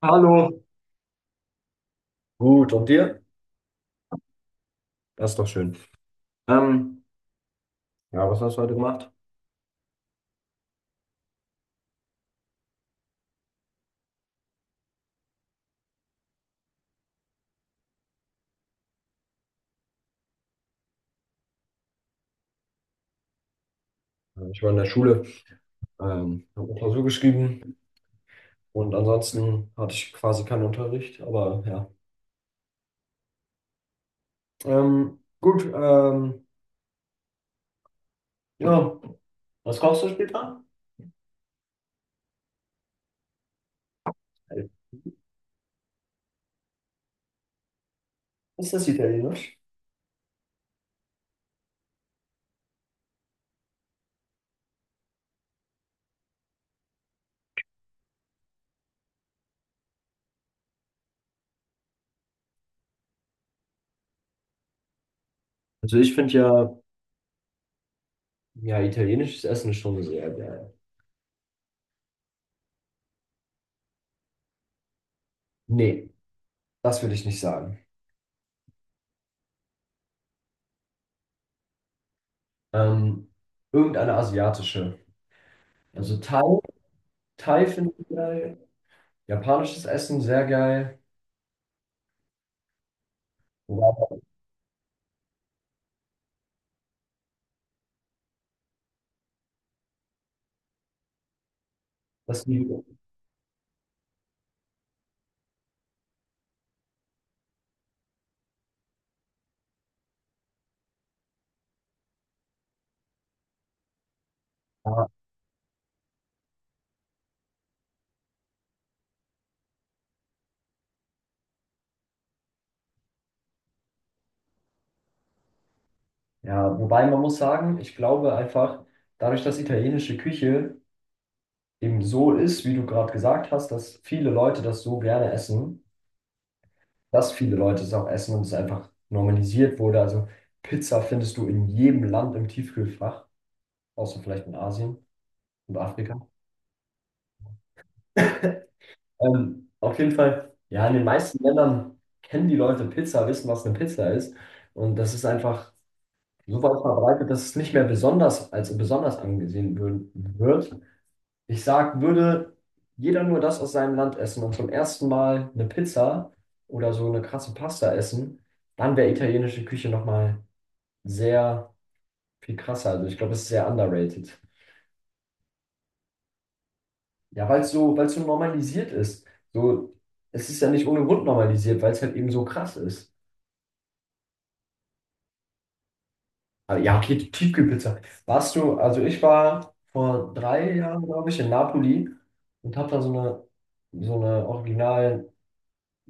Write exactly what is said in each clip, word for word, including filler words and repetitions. Hallo. Gut, und dir? Das ist doch schön. Ähm, ja, was hast du heute gemacht? Äh, Ich war in der Schule, ähm, habe eine Klausur geschrieben und ansonsten hatte ich quasi keinen Unterricht, aber ja. Ähm, gut, ähm, ja. Was kochst du später? Ist das Italienisch? Also ich finde ja, ja, italienisches Essen ist schon sehr geil. Nee, das würde ich nicht sagen. Ähm, Irgendeine asiatische. Also Thai, Thai finde ich geil. Japanisches Essen sehr geil. Das Niveau. Ja, ja, wobei man muss sagen, ich glaube einfach, dadurch, dass italienische Küche eben so ist, wie du gerade gesagt hast, dass viele Leute das so gerne essen, dass viele Leute es auch essen und es einfach normalisiert wurde. Also Pizza findest du in jedem Land im Tiefkühlfach, außer vielleicht in Asien und Afrika. Ähm, auf jeden Fall, ja, in den meisten Ländern kennen die Leute Pizza, wissen, was eine Pizza ist. Und das ist einfach so weit verbreitet, dass es nicht mehr besonders als besonders angesehen wür- wird. Ich sag, würde jeder nur das aus seinem Land essen und zum ersten Mal eine Pizza oder so eine krasse Pasta essen, dann wäre italienische Küche nochmal sehr viel krasser. Also ich glaube, es ist sehr underrated. Ja, weil es so, weil es so normalisiert ist. So, es ist ja nicht ohne Grund normalisiert, weil es halt eben so krass ist. Ah, ja, okay, die Tiefkühlpizza. Warst du, also ich war vor drei Jahren, glaube ich, in Napoli und habe da so eine, so eine original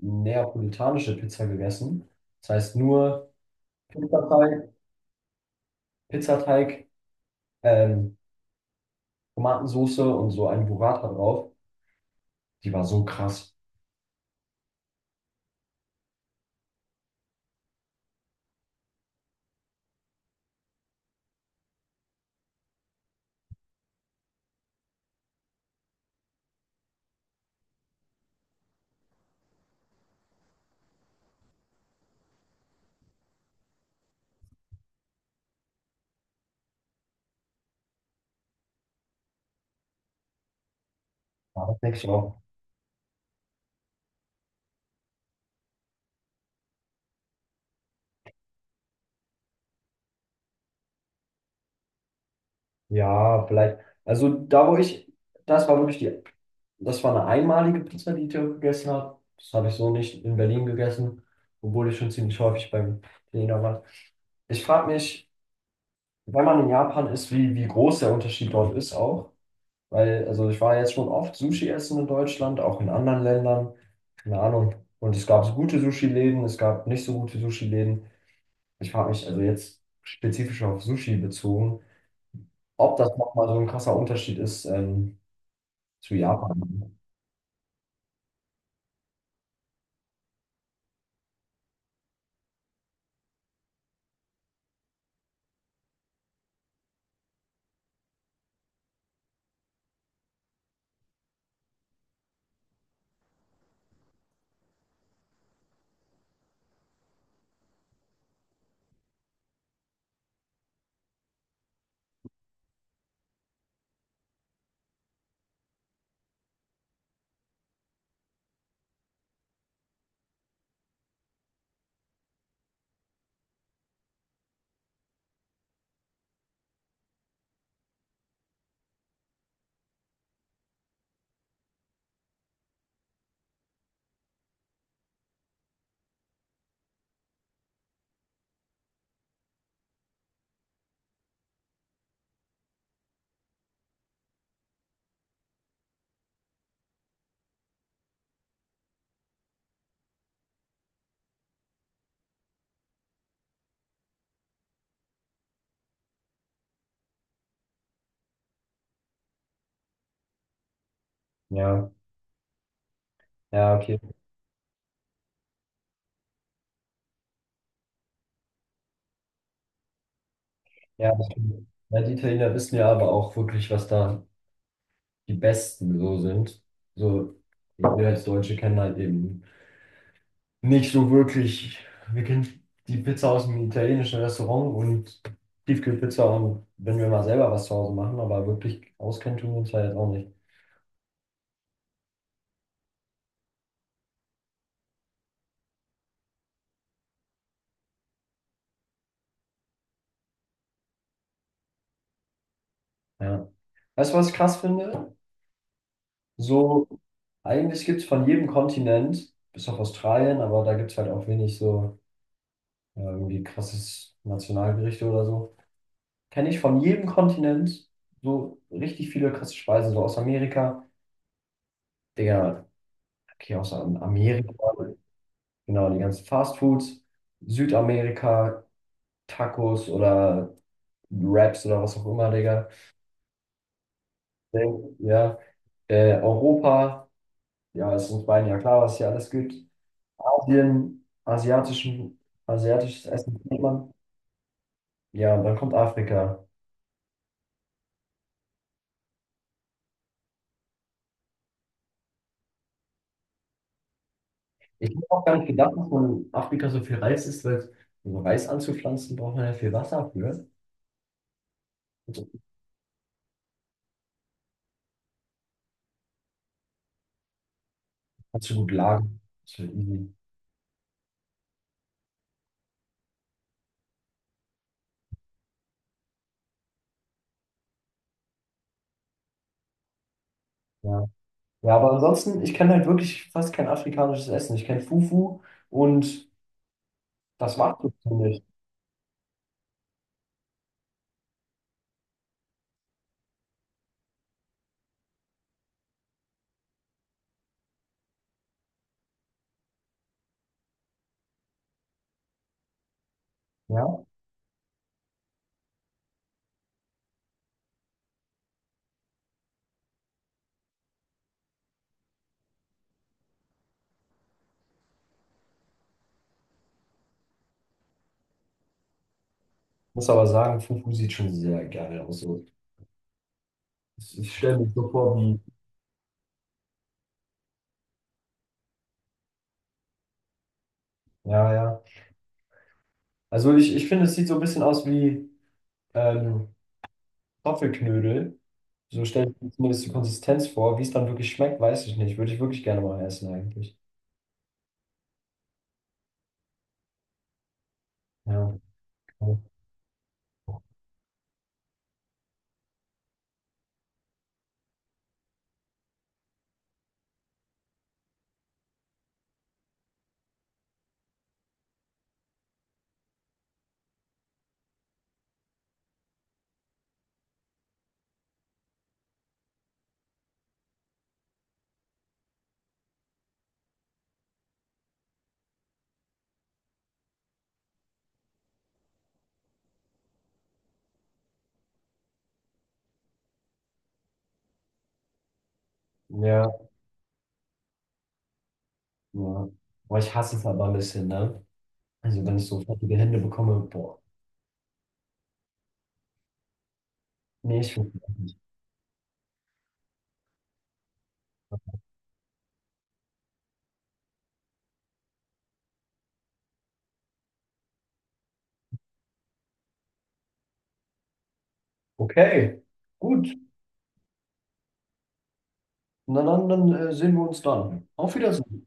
neapolitanische Pizza gegessen. Das heißt nur Pizzateig, Pizzateig, ähm, Tomatensoße und so ein Burrata drauf. Die war so krass. Ja, das denke ich auch. Ja, vielleicht. Also da, wo ich, das war wirklich die, das war eine einmalige Pizza, die ich da gegessen habe. Das habe ich so nicht in Berlin gegessen, obwohl ich schon ziemlich häufig beim Italiener war. Ich frage mich, wenn man in Japan ist, wie, wie groß der Unterschied dort ist auch. Weil, also ich war jetzt schon oft Sushi essen in Deutschland, auch in anderen Ländern. Keine Ahnung. Und es gab so gute Sushi-Läden, es gab nicht so gute Sushi-Läden. Ich frage mich, also jetzt spezifisch auf Sushi bezogen, ob das nochmal so ein krasser Unterschied ist. Ähm, Zu Japan. Ja, ja, okay. Ja, das stimmt. Ja, die Italiener wissen ja aber auch wirklich, was da die Besten so sind. So, wir als Deutsche kennen halt eben nicht so wirklich. Wir kennen die Pizza aus dem italienischen Restaurant und Tiefkühlpizza, und wenn wir mal selber was zu Hause machen, aber wirklich auskennen tun wir uns halt auch nicht. Ja. Weißt du, was ich krass finde? So, eigentlich gibt es von jedem Kontinent, bis auf Australien, aber da gibt es halt auch wenig so. Ja, irgendwie krasses Nationalgerichte oder so. Kenne ich von jedem Kontinent so richtig viele krasse Speisen, so aus Amerika. Digga, okay, aus Amerika, genau, die ganzen Fastfoods, Südamerika, Tacos oder Wraps oder was auch immer, Digga. Äh, Ja, äh, Europa, ja, ist uns beiden ja klar, was hier alles gibt. Asien, asiatischen, asiatisches Essen, kennt man. Ja, und dann kommt Afrika. Ich habe auch gar nicht gedacht, dass man in Afrika so viel Reis isst, weil um Reis anzupflanzen, braucht man ja viel Wasser für. Also kannst du gut lagern. Ist ja easy. Ja. Ja, aber ansonsten, ich kenne halt wirklich fast kein afrikanisches Essen. Ich kenne Fufu und das war's so ziemlich. Ja. Muss aber sagen, Fufu sieht schon sehr geil aus. So. Ich, ich stelle mir so vor, wie. Ja, ja. Also ich, ich finde, es sieht so ein bisschen aus wie ähm, Kartoffelknödel. So stelle ich mir zumindest die Konsistenz vor. Wie es dann wirklich schmeckt, weiß ich nicht. Würde ich wirklich gerne mal essen eigentlich. Ja, okay. Ja, ja. Boah, ich hasse es aber ein bisschen, ne? Also wenn ich so fettige Hände bekomme, boah. Nee, ich finde es nicht. Okay, gut. Na dann, dann äh, sehen wir uns dann. Auf Wiedersehen.